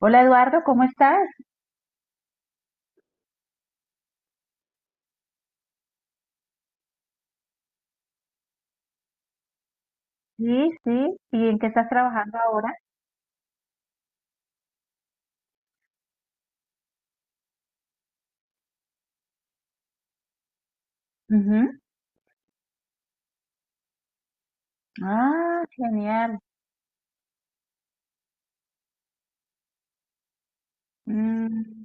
Hola Eduardo, ¿cómo estás? Sí, sí. ¿Y en qué estás trabajando ahora? Ujú. Ah, genial. Mm,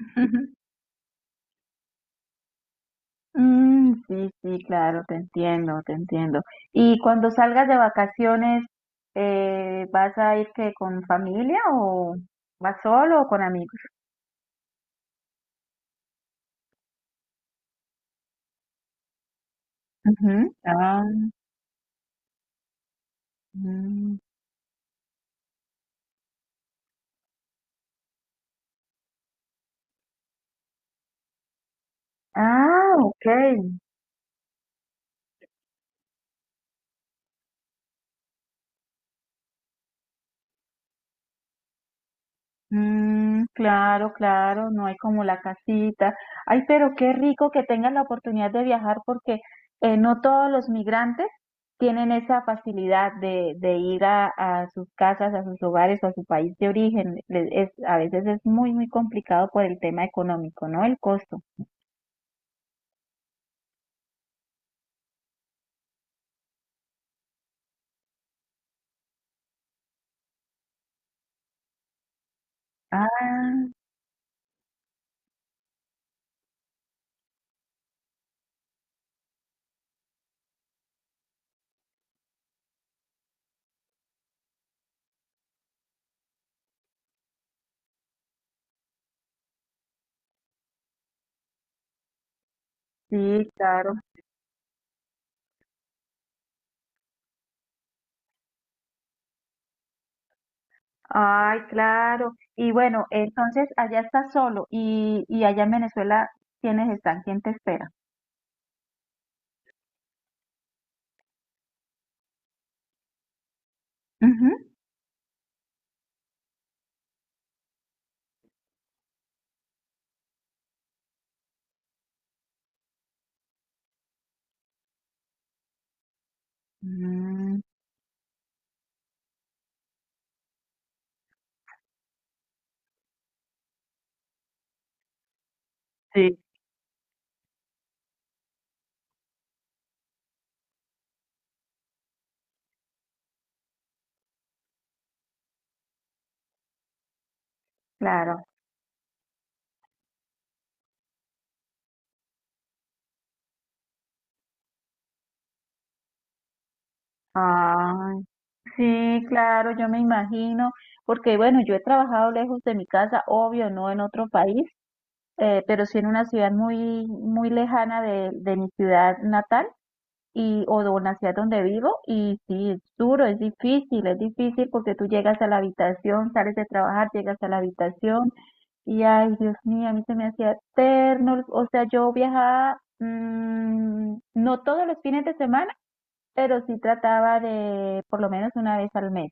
sí, sí, claro, te entiendo, te entiendo. ¿Y cuando salgas de vacaciones, vas a ir que con familia o vas solo o con amigos? Ujú. Ah, mm. Ah, ok. Claro, claro, no hay como la casita. Ay, pero qué rico que tengas la oportunidad de viajar porque no todos los migrantes tienen esa facilidad de ir a sus casas, a sus hogares o a su país de origen. Le- Es, a veces es muy, muy complicado por el tema económico, ¿no? El costo. Ah, sí, claro. Ay, claro. Y bueno, entonces allá estás solo y allá en Venezuela, ¿quiénes están? ¿Quién te espera? Ujú. Mm, Sí, claro. Ay, sí, claro, yo me imagino, porque bueno, yo he trabajado lejos de mi casa, obvio, no en otro país, pero sí en una ciudad muy, muy lejana de mi ciudad natal y o de una ciudad donde vivo y sí, es duro, es difícil porque tú llegas a la habitación, sales de trabajar, llegas a la habitación y ay, Dios mío, a mí se me hacía eterno, o sea, yo viajaba no todos los fines de semana pero sí trataba de por lo menos una vez al mes,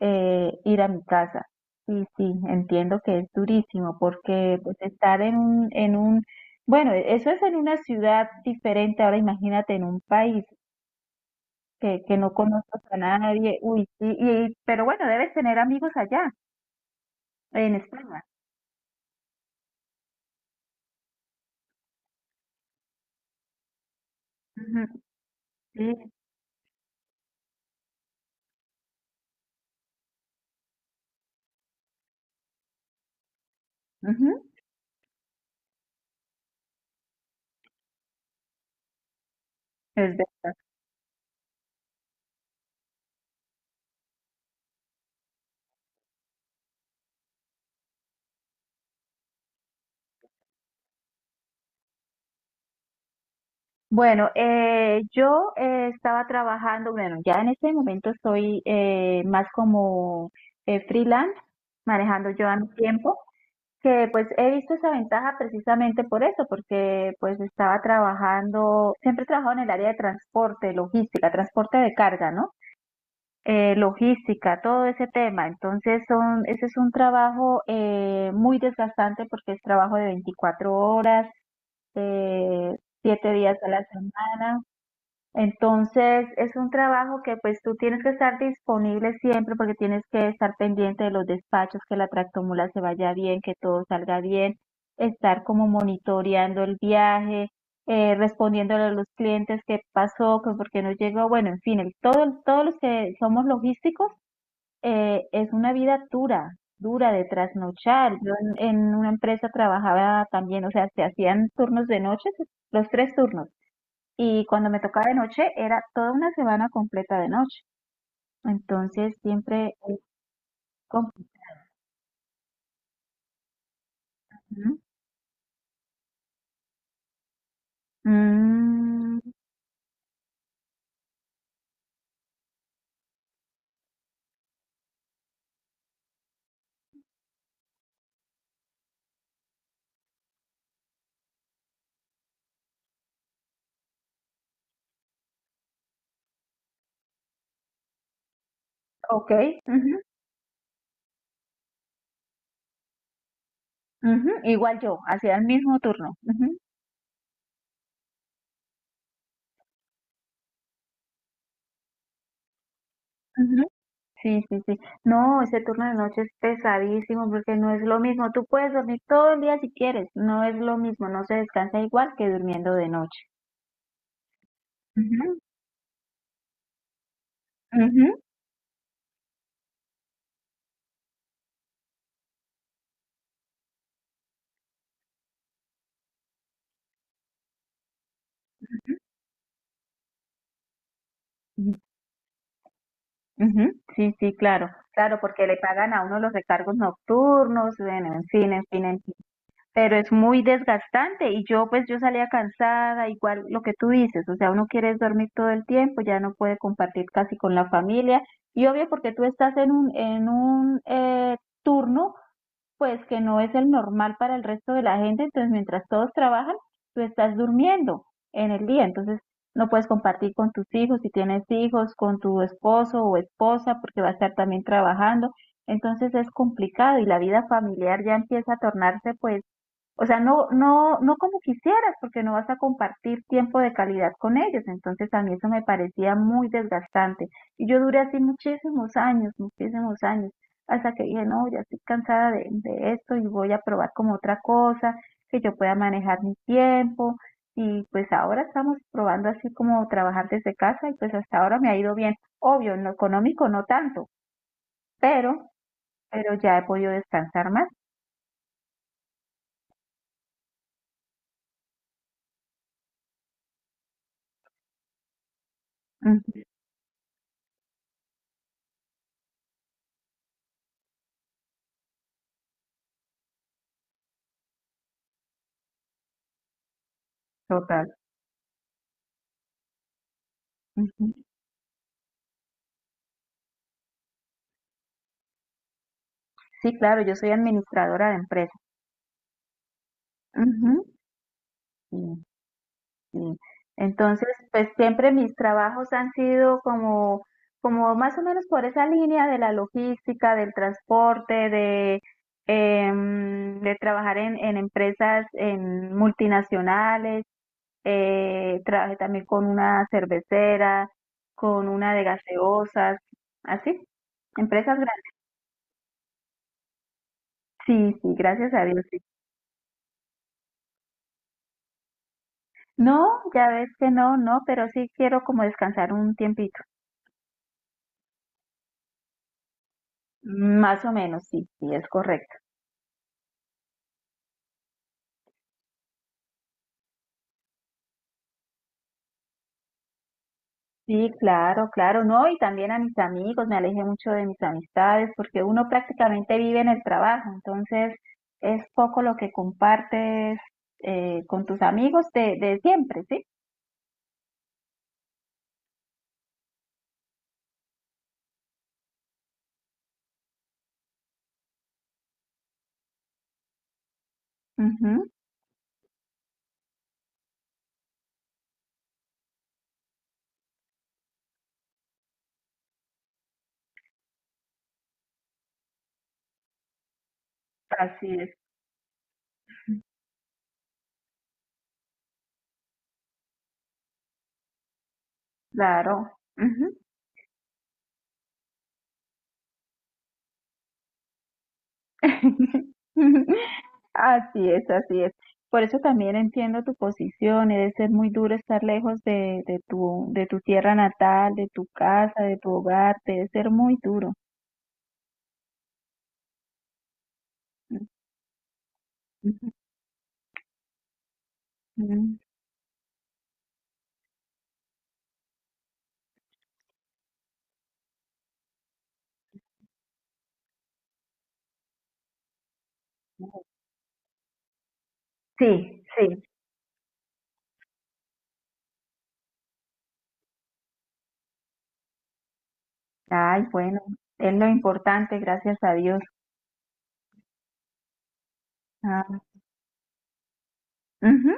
ir a mi casa. Sí, sí, entiendo que es durísimo porque pues estar en un, bueno, eso es en una ciudad diferente. Ahora imagínate en un país que no conozcas a nadie. Uy, sí, y pero bueno, debes tener amigos allá, en España. Ujú, sí, ujú, es verdad. Bueno, yo, estaba trabajando, bueno, ya en este momento soy, más como, freelance, manejando yo a mi tiempo, que pues he visto esa ventaja precisamente por eso, porque pues estaba trabajando, siempre he trabajado en el área de transporte, logística, transporte de carga, ¿no? Logística, todo ese tema. Entonces, son, ese es un trabajo, muy desgastante porque es trabajo de 24 horas, eh, 7 días a la semana. Entonces, es un trabajo que pues tú tienes que estar disponible siempre porque tienes que estar pendiente de los despachos, que la tractomula se vaya bien, que todo salga bien, estar como monitoreando el viaje, respondiéndole a los clientes qué pasó, que por qué no llegó, bueno, en fin, todos los que somos logísticos, es una vida dura, dura de trasnochar. Yo en una empresa trabajaba también, o sea, se hacían turnos de noche, los tres turnos. Y cuando me tocaba de noche, era toda una semana completa de noche. Entonces, siemprecom- Ujú. Mm, ok. Ujú, ujú. Igual yo, hacía el mismo turno. Ujú, ujú. Sí, sí, sí. No, ese turno de noche es pesadísimo porque no es lo mismo. Tú puedes dormir todo el día si quieres. No es lo mismo. No se descansa igual que durmiendo de noche. Ujú, ujú, ujú, ujú. Sí, sí, claro. Claro, porque le pagan a uno los recargos nocturnos. Bueno, en fin, en fin, en fin. Pero es muy desgastante y yo, pues, yo salía cansada, igual lo que tú dices, o sea, uno quiere es dormir todo el tiempo, ya no puede compartir casi con la familia y obvio porque tú estás en un, turno pues que no es el normal para el resto de la gente. Entonces, mientras todos trabajan, tú estás durmiendo en el día. Entonces, no puedes compartir con tus hijos, si tienes hijos, con tu esposo o esposa porque va a estar también trabajando. Entonces, es complicado y la vida familiar ya empieza a tornarse, pues, o sea, no, no, no como quisieras, porque no vas a compartir tiempo de calidad con ellos. Entonces, a mí eso me parecía muy desgastante. Y yo duré así muchísimos años, hasta que dije, no, ya estoy cansada de esto y voy a probar como otra cosa, que yo pueda manejar mi tiempo. Y pues ahora estamos probando así como trabajar desde casa y pues hasta ahora me ha ido bien. Obvio, en lo económico no tanto, pero, ya he podido descansar más. Ujú, total. Ujú. Sí, claro, yo soy administradora de empresa. Ujú, sí, sí. Entonces, pues siempre mis trabajos han sido como, como más o menos por esa línea de la logística, del transporte, de trabajar en, empresas en multinacionales. Trabajé también con una cervecera, con una de gaseosas, así, empresas grandes. Sí, sí, gracias a Dios. No, ya ves que no, no, pero sí quiero como descansar un tiempito. Más o menos, sí, sí, es correcto. Sí, claro, claro, no, y también a mis amigos, me alejé mucho de mis amistades porque uno prácticamente vive en el trabajo, entonces es poco lo que compartes, con tus amigos de siempre, ¿sí? Ujú, así es, claro. Así es, así es. Por eso también entiendo tu posición, debe ser muy duro estar lejos de tu tierra natal, de tu casa, de tu hogar, debe ser muy duro. Ujú, ujú. Sí, sí. Ay, bueno, es lo importante, gracias a Dios. Ah, ujú,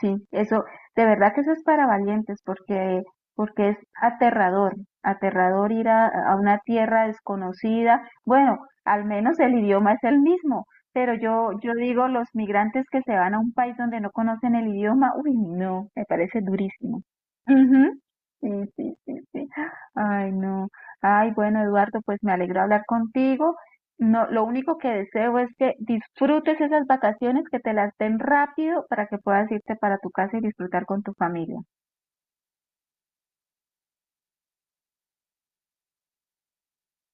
sí, eso, de verdad que eso es para valientes, porque, es aterrador, aterrador ir a una tierra desconocida. Bueno, al menos el idioma es el mismo, pero yo digo, los migrantes que se van a un país donde no conocen el idioma, uy, no, me parece durísimo. Ujú, sí, sí, sí, sí. Ay, no. Ay, bueno, Eduardo, pues me alegro hablar contigo. No, lo único que deseo es que disfrutes esas vacaciones, que te las den rápido para que puedas irte para tu casa y disfrutar con tu familia.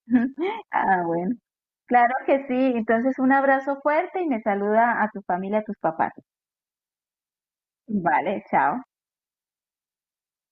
Ah, bueno. Claro que sí. Entonces, un abrazo fuerte y me saluda a tu familia, a tus papás. Vale, chao.